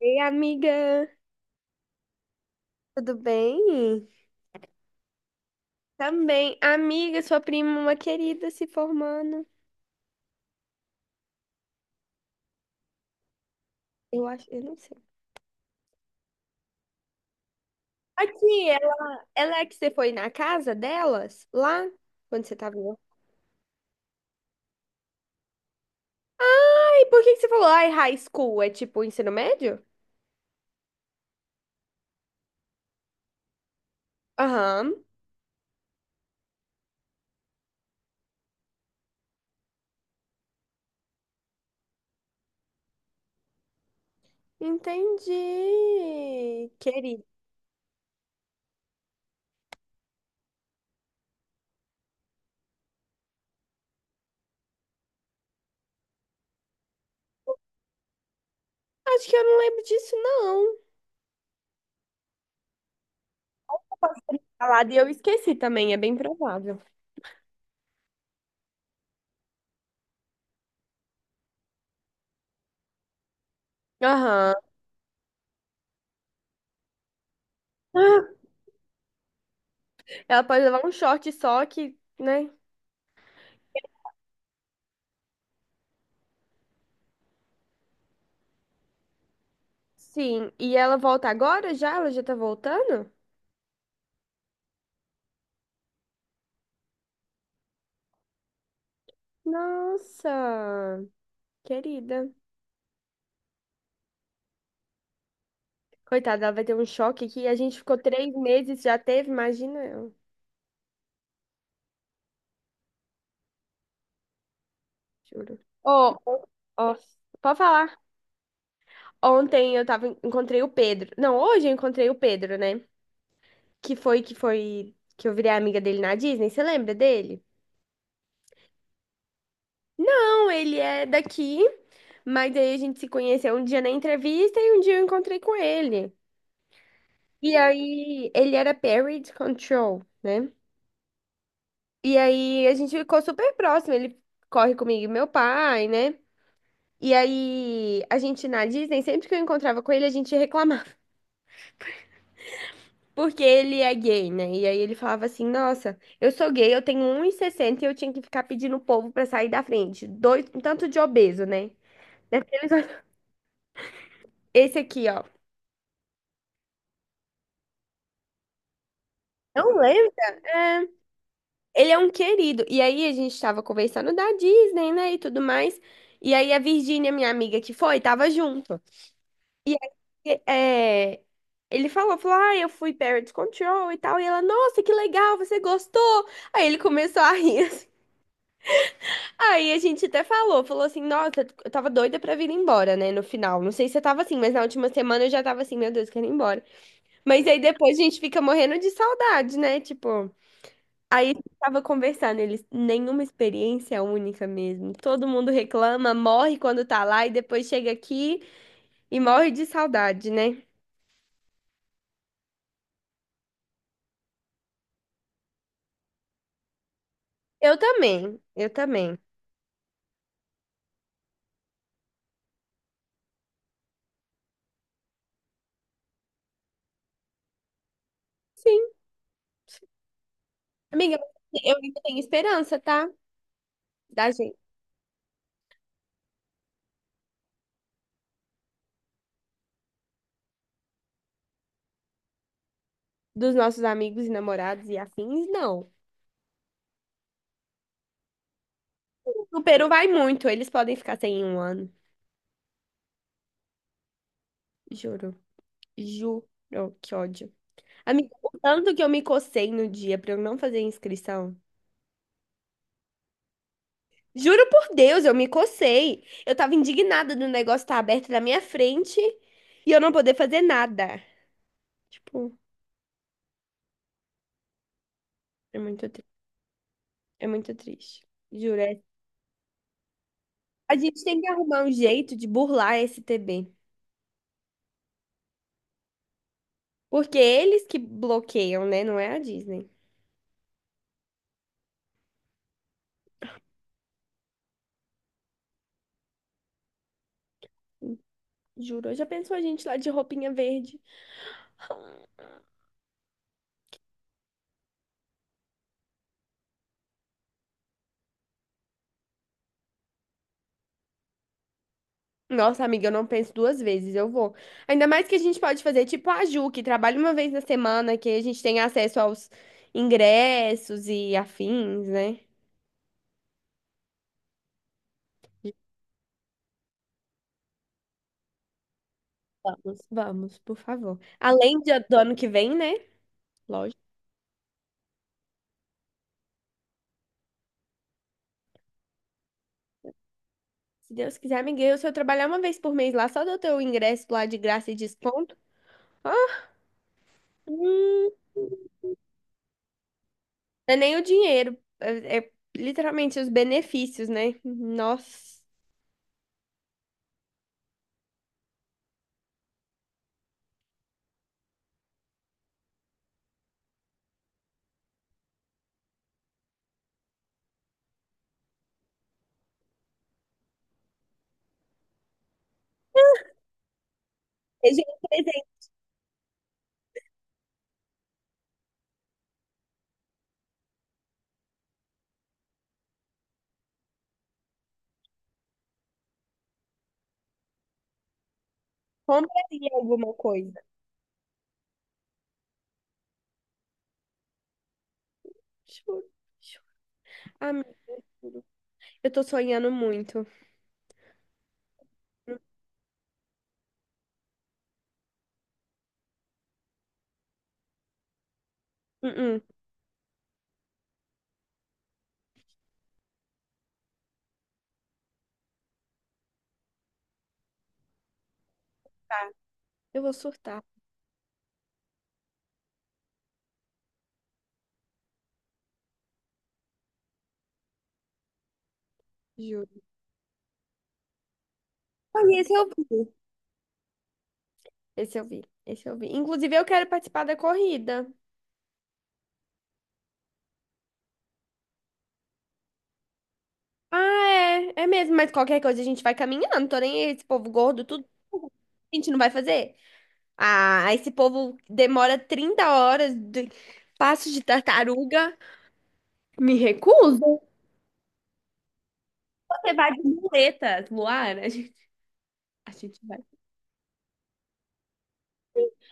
Ei, amiga, tudo bem? Também, amiga, sua prima, uma querida, se formando. Eu acho, eu não sei. Aqui, ela é que você foi na casa delas, lá, quando você tava lá. Ai, por que que você falou, ai, high school, é tipo ensino médio? Aham, entendi, querida. Acho que eu não lembro disso, não. Pode ter falado e eu esqueci também, é bem provável. Aham. Ela pode levar um short só que, né? Sim, e ela volta agora já? Ela já tá voltando? Nossa, querida. Coitada, ela vai ter um choque aqui. A gente ficou 3 meses, já teve, imagina eu, juro. Ô, ó, pode falar. Ontem eu tava, encontrei o Pedro. Não, hoje eu encontrei o Pedro, né? Que foi que eu virei amiga dele na Disney. Você lembra dele? Não, ele é daqui, mas aí a gente se conheceu um dia na entrevista e um dia eu encontrei com ele. E aí, ele era parent control, né? E aí, a gente ficou super próximo. Ele corre comigo e meu pai, né? E aí, a gente na Disney, sempre que eu encontrava com ele, a gente reclamava. Porque ele é gay, né? E aí ele falava assim: nossa, eu sou gay, eu tenho 1,60 e sessenta e eu tinha que ficar pedindo o povo pra sair da frente. Dois, um tanto de obeso, né? Daqueles- Esse aqui, ó. Não lembra? É. Ele é um querido. E aí a gente tava conversando da Disney, né, e tudo mais. E aí a Virgínia, minha amiga que foi, tava junto. E aí, é, ele falou, ah, eu fui Parent Control e tal. E ela, nossa, que legal, você gostou? Aí ele começou a rir assim. Aí a gente até falou, assim, nossa, eu tava doida pra vir embora, né, no final. Não sei se você tava assim, mas na última semana eu já tava assim, meu Deus, quero ir embora. Mas aí depois a gente fica morrendo de saudade, né, tipo... Aí tava conversando, eles, nenhuma experiência é única mesmo. Todo mundo reclama, morre quando tá lá e depois chega aqui e morre de saudade, né? Eu também, eu também. Sim. Amiga, eu ainda tenho esperança, tá? Da gente, dos nossos amigos e namorados e afins, não. O Peru vai muito, eles podem ficar sem em um ano. Juro, juro, que ódio. Amiga, o tanto que eu me cocei no dia pra eu não fazer inscrição. Juro por Deus, eu me cocei. Eu tava indignada do negócio estar aberto na minha frente e eu não poder fazer nada. Tipo, é muito, tri- é muito triste. Juro. A gente tem que arrumar um jeito de burlar esse TB. Porque eles que bloqueiam, né? Não é a Disney. Juro, já pensou a gente lá de roupinha verde? Nossa, amiga, eu não penso duas vezes, eu vou. Ainda mais que a gente pode fazer tipo a Ju, que trabalha uma vez na semana, que a gente tem acesso aos ingressos e afins, né? Vamos, vamos, por favor. Além do ano que vem, né? Lógico. Se Deus quiser, amiguinho, se eu trabalhar uma vez por mês lá, só do teu ingresso lá de graça e desconto, ah, hum, não é nem o dinheiro, é literalmente os benefícios, né? Nossa. Seja um presente, compraria alguma coisa. Juro, juro. Amiga, eu tô sonhando muito. Uh-uh, tá. Eu vou surtar, juro. Ah, esse eu vi. Esse eu vi, esse eu vi. Inclusive, eu quero participar da corrida. Ah, é, é mesmo, mas qualquer coisa a gente vai caminhando. Tô nem aí, esse povo gordo, tudo a gente não vai fazer. Ah, esse povo demora 30 horas de passo de tartaruga. Me recuso. Você vai de muletas, Luara. A gente vai.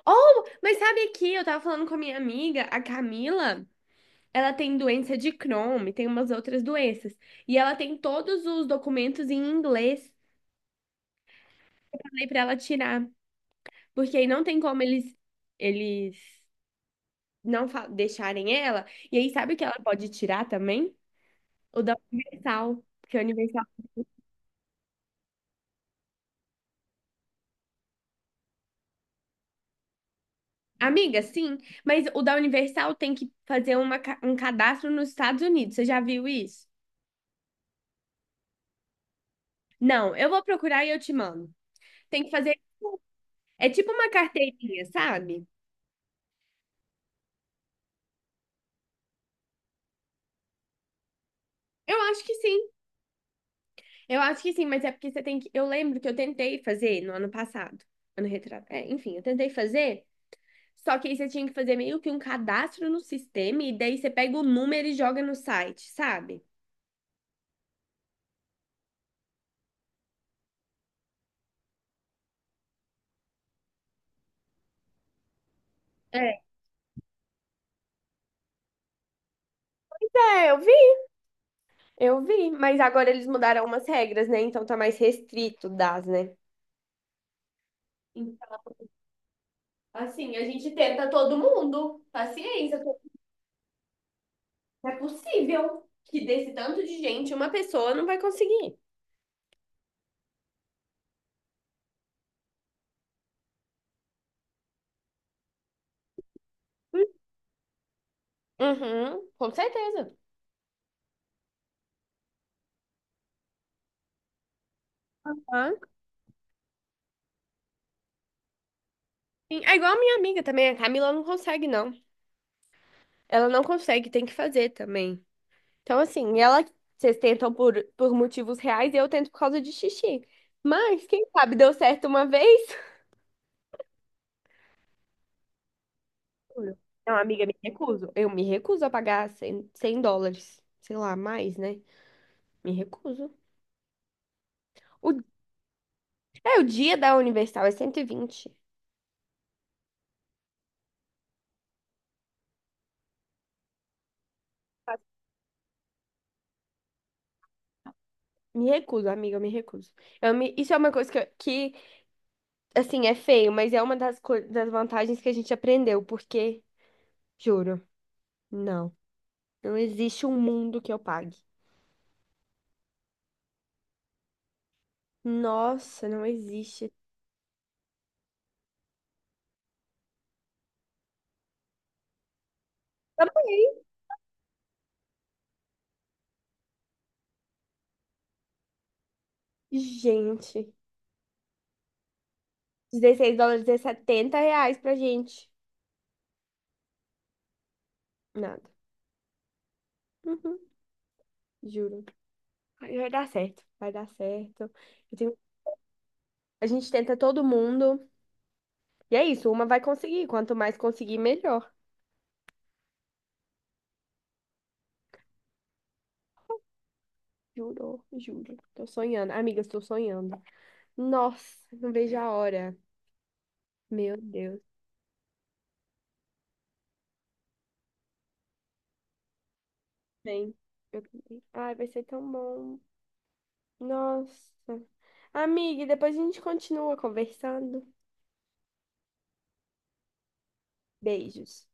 Oh, mas sabe aqui, eu tava falando com a minha amiga, a Camila. Ela tem doença de Crohn e tem umas outras doenças. E ela tem todos os documentos em inglês. Falei pra ela tirar, porque aí não tem como eles não fa- deixarem ela. E aí, sabe o que ela pode tirar também? O da Universal. Porque a Universal. Amiga, sim, mas o da Universal tem que fazer um cadastro nos Estados Unidos. Você já viu isso? Não, eu vou procurar e eu te mando. Tem que fazer. É tipo uma carteirinha, sabe? Eu acho que sim. Eu acho que sim, mas é porque você tem que. Eu lembro que eu tentei fazer no ano passado. Ano retrasado. É, enfim, eu tentei fazer. Só que aí você tinha que fazer meio que um cadastro no sistema e daí você pega o número e joga no site, sabe? É. É, eu vi, mas agora eles mudaram umas regras, né? Então tá mais restrito das, né? Então, assim, a gente tenta todo mundo. Paciência, é possível que desse tanto de gente, uma pessoa não vai conseguir. Uhum, com certeza. Ah, sim. É igual a minha amiga também, a Camila não consegue, não. Ela não consegue, tem que fazer também. Então, assim, vocês tentam por motivos reais e eu tento por causa de xixi. Mas, quem sabe, deu certo uma vez? Juro. Não, amiga, me recuso. Eu me recuso a pagar 100 100 dólares. Sei lá, mais, né? Me recuso. O, o dia da Universal é 120. Me recuso, amiga, eu me recuso. Isso é uma coisa que, assim, é feio, mas é uma das vantagens que a gente aprendeu, porque, juro, não. Não existe um mundo que eu pague. Nossa, não existe. Gente, US$ 16 é R$ 70 pra gente. Nada. Uhum, juro. Mas vai dar certo, vai dar certo. Eu tenho- A gente tenta todo mundo. E é isso, uma vai conseguir. Quanto mais conseguir, melhor. Juro, juro. Tô sonhando. Amiga, estou sonhando. Nossa, não vejo a hora. Meu Deus. Vem. Eu também. Ai, vai ser tão bom. Nossa. Amiga, e depois a gente continua conversando. Beijos.